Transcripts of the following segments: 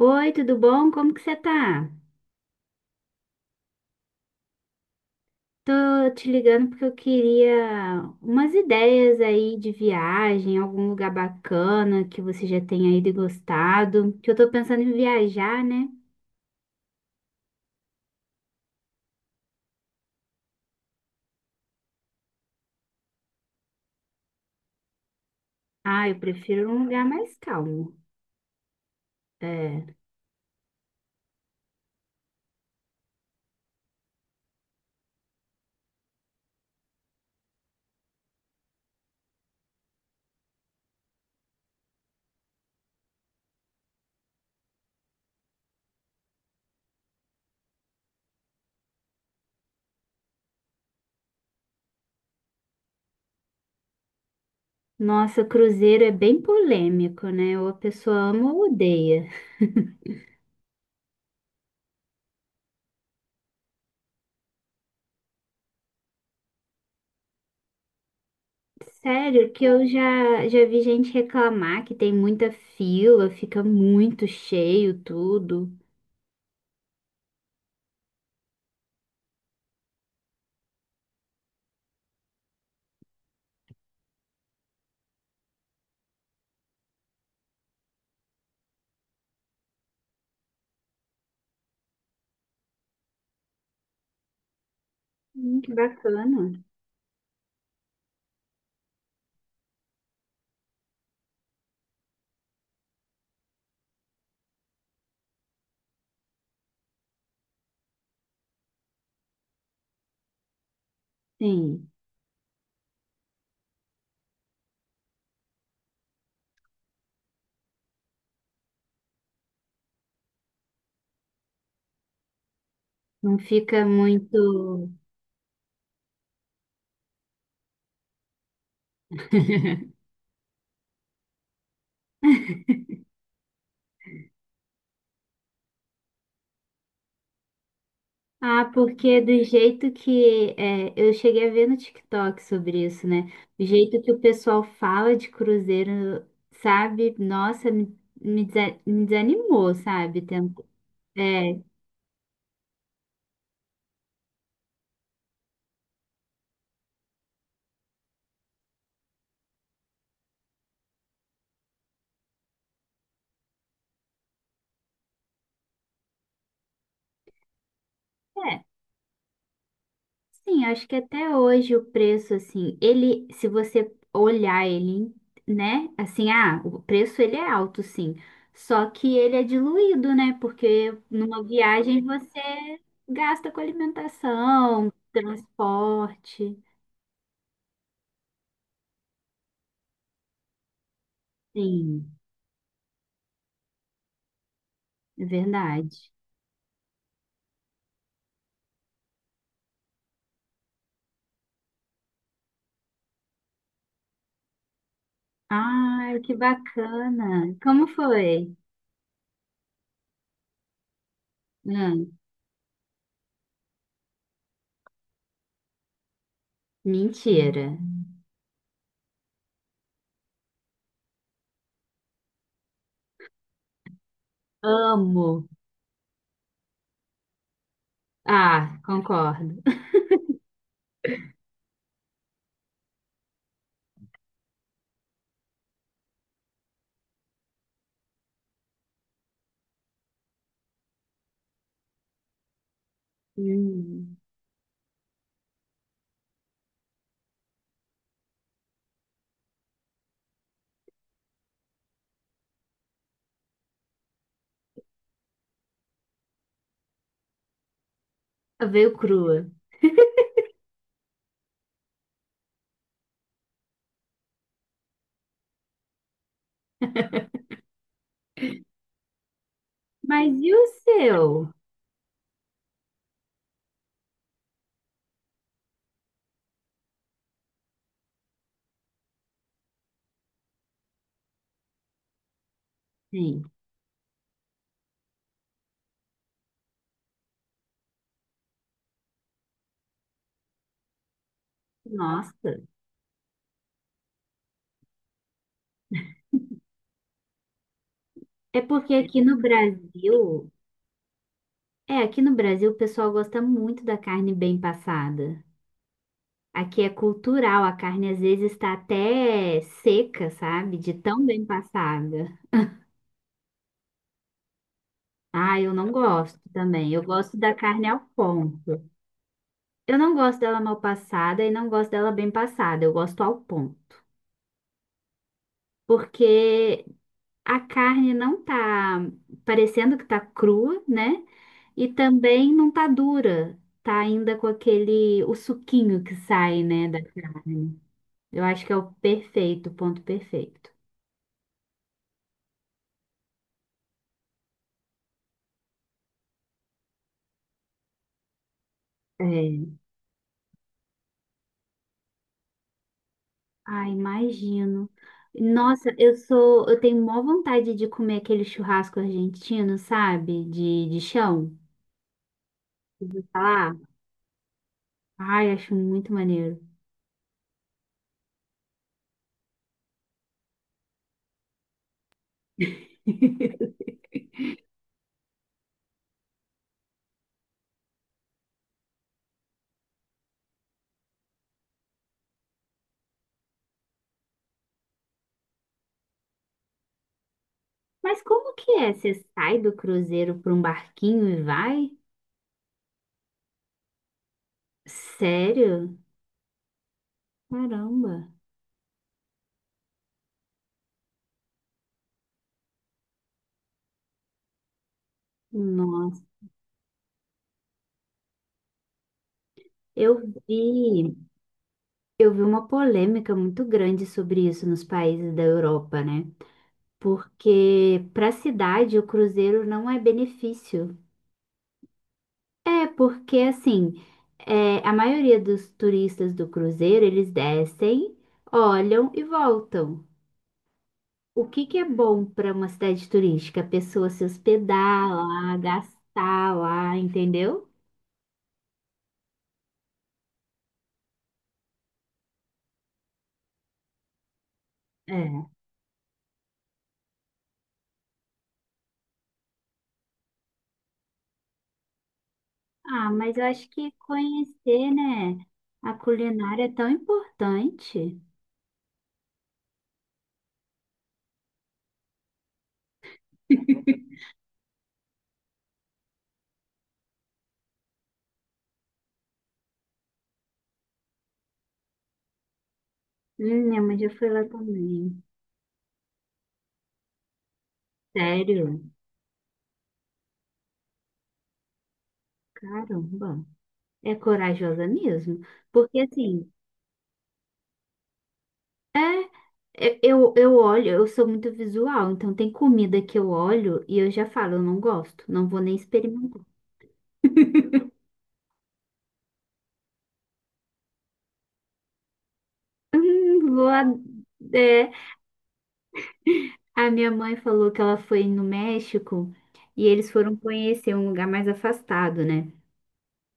Oi, tudo bom? Como que você tá? Tô te ligando porque eu queria umas ideias aí de viagem, algum lugar bacana que você já tenha ido e gostado. Que eu tô pensando em viajar, né? Ah, eu prefiro um lugar mais calmo. É. Nossa, cruzeiro é bem polêmico, né? Ou a pessoa ama ou odeia. Sério, que eu já vi gente reclamar que tem muita fila, fica muito cheio tudo. Que bacana. Sim. Não fica muito. Ah, porque do jeito que é, eu cheguei a ver no TikTok sobre isso, né? O jeito que o pessoal fala de cruzeiro, sabe? Nossa, me desanimou, sabe? Tem- É, é. Sim, acho que até hoje o preço, assim, ele, se você olhar ele, né, assim, ah, o preço ele é alto, sim, só que ele é diluído, né, porque numa viagem você gasta com alimentação, transporte, sim, é verdade. Ah, que bacana! Como foi? Hum, mentira. Amo. Ah, concordo. Hum, veio crua. Mas e o seu? Sim. Nossa. É porque aqui no Brasil, aqui no Brasil o pessoal gosta muito da carne bem passada. Aqui é cultural, a carne às vezes está até seca, sabe? De tão bem passada. Ah, eu não gosto também. Eu gosto da carne ao ponto. Eu não gosto dela mal passada e não gosto dela bem passada. Eu gosto ao ponto. Porque a carne não tá parecendo que tá crua, né? E também não tá dura. Tá ainda com aquele, o suquinho que sai, né, da carne. Eu acho que é o perfeito, o ponto perfeito. É. Ai, imagino. Nossa, eu tenho maior vontade de comer aquele churrasco argentino, sabe? De chão. Falar. Ai, acho muito maneiro. Mas como que é? Você sai do cruzeiro para um barquinho e vai? Sério? Caramba. Nossa, eu vi, eu vi uma polêmica muito grande sobre isso nos países da Europa, né? Porque para a cidade o cruzeiro não é benefício. É, porque assim, a maioria dos turistas do cruzeiro, eles descem, olham e voltam. O que que é bom para uma cidade turística? A pessoa se hospedar lá, gastar lá, entendeu? É. Ah, mas eu acho que conhecer, né, a culinária é tão importante. Minha mãe já foi lá também. Sério? Caramba. É corajosa mesmo. Porque assim, é, eu olho, eu sou muito visual, então tem comida que eu olho e eu já falo, eu não gosto, não vou nem experimentar. Hum, vou a, é, a minha mãe falou que ela foi no México e eles foram conhecer um lugar mais afastado, né?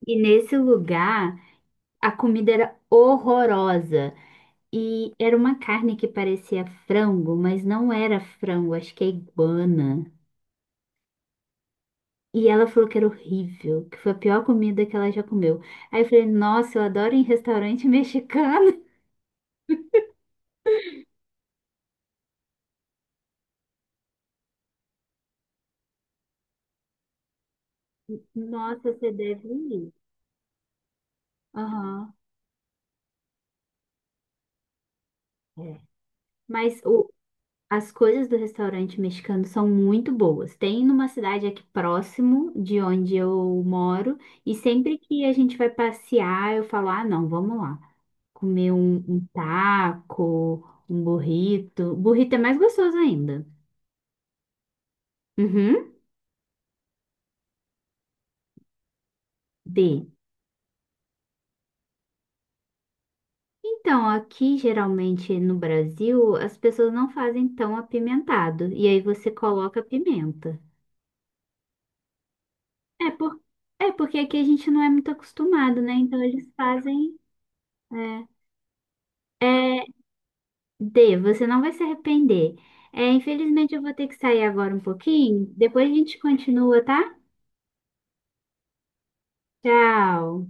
E nesse lugar, a comida era horrorosa. E era uma carne que parecia frango, mas não era frango, acho que é iguana. E ela falou que era horrível, que foi a pior comida que ela já comeu. Aí eu falei, nossa, eu adoro ir em restaurante mexicano. Nossa, você deve ir. Aham. É. Mas o, as coisas do restaurante mexicano são muito boas. Tem numa cidade aqui próximo de onde eu moro, e sempre que a gente vai passear, eu falo: ah, não, vamos lá. Comer um, um taco, um burrito. Burrito é mais gostoso ainda. Uhum. B. Então, aqui geralmente no Brasil, as pessoas não fazem tão apimentado, e aí você coloca pimenta. É, por... é porque aqui a gente não é muito acostumado, né? Então eles fazem. É. É, dê, você não vai se arrepender. É, infelizmente eu vou ter que sair agora um pouquinho. Depois a gente continua, tá? Tchau.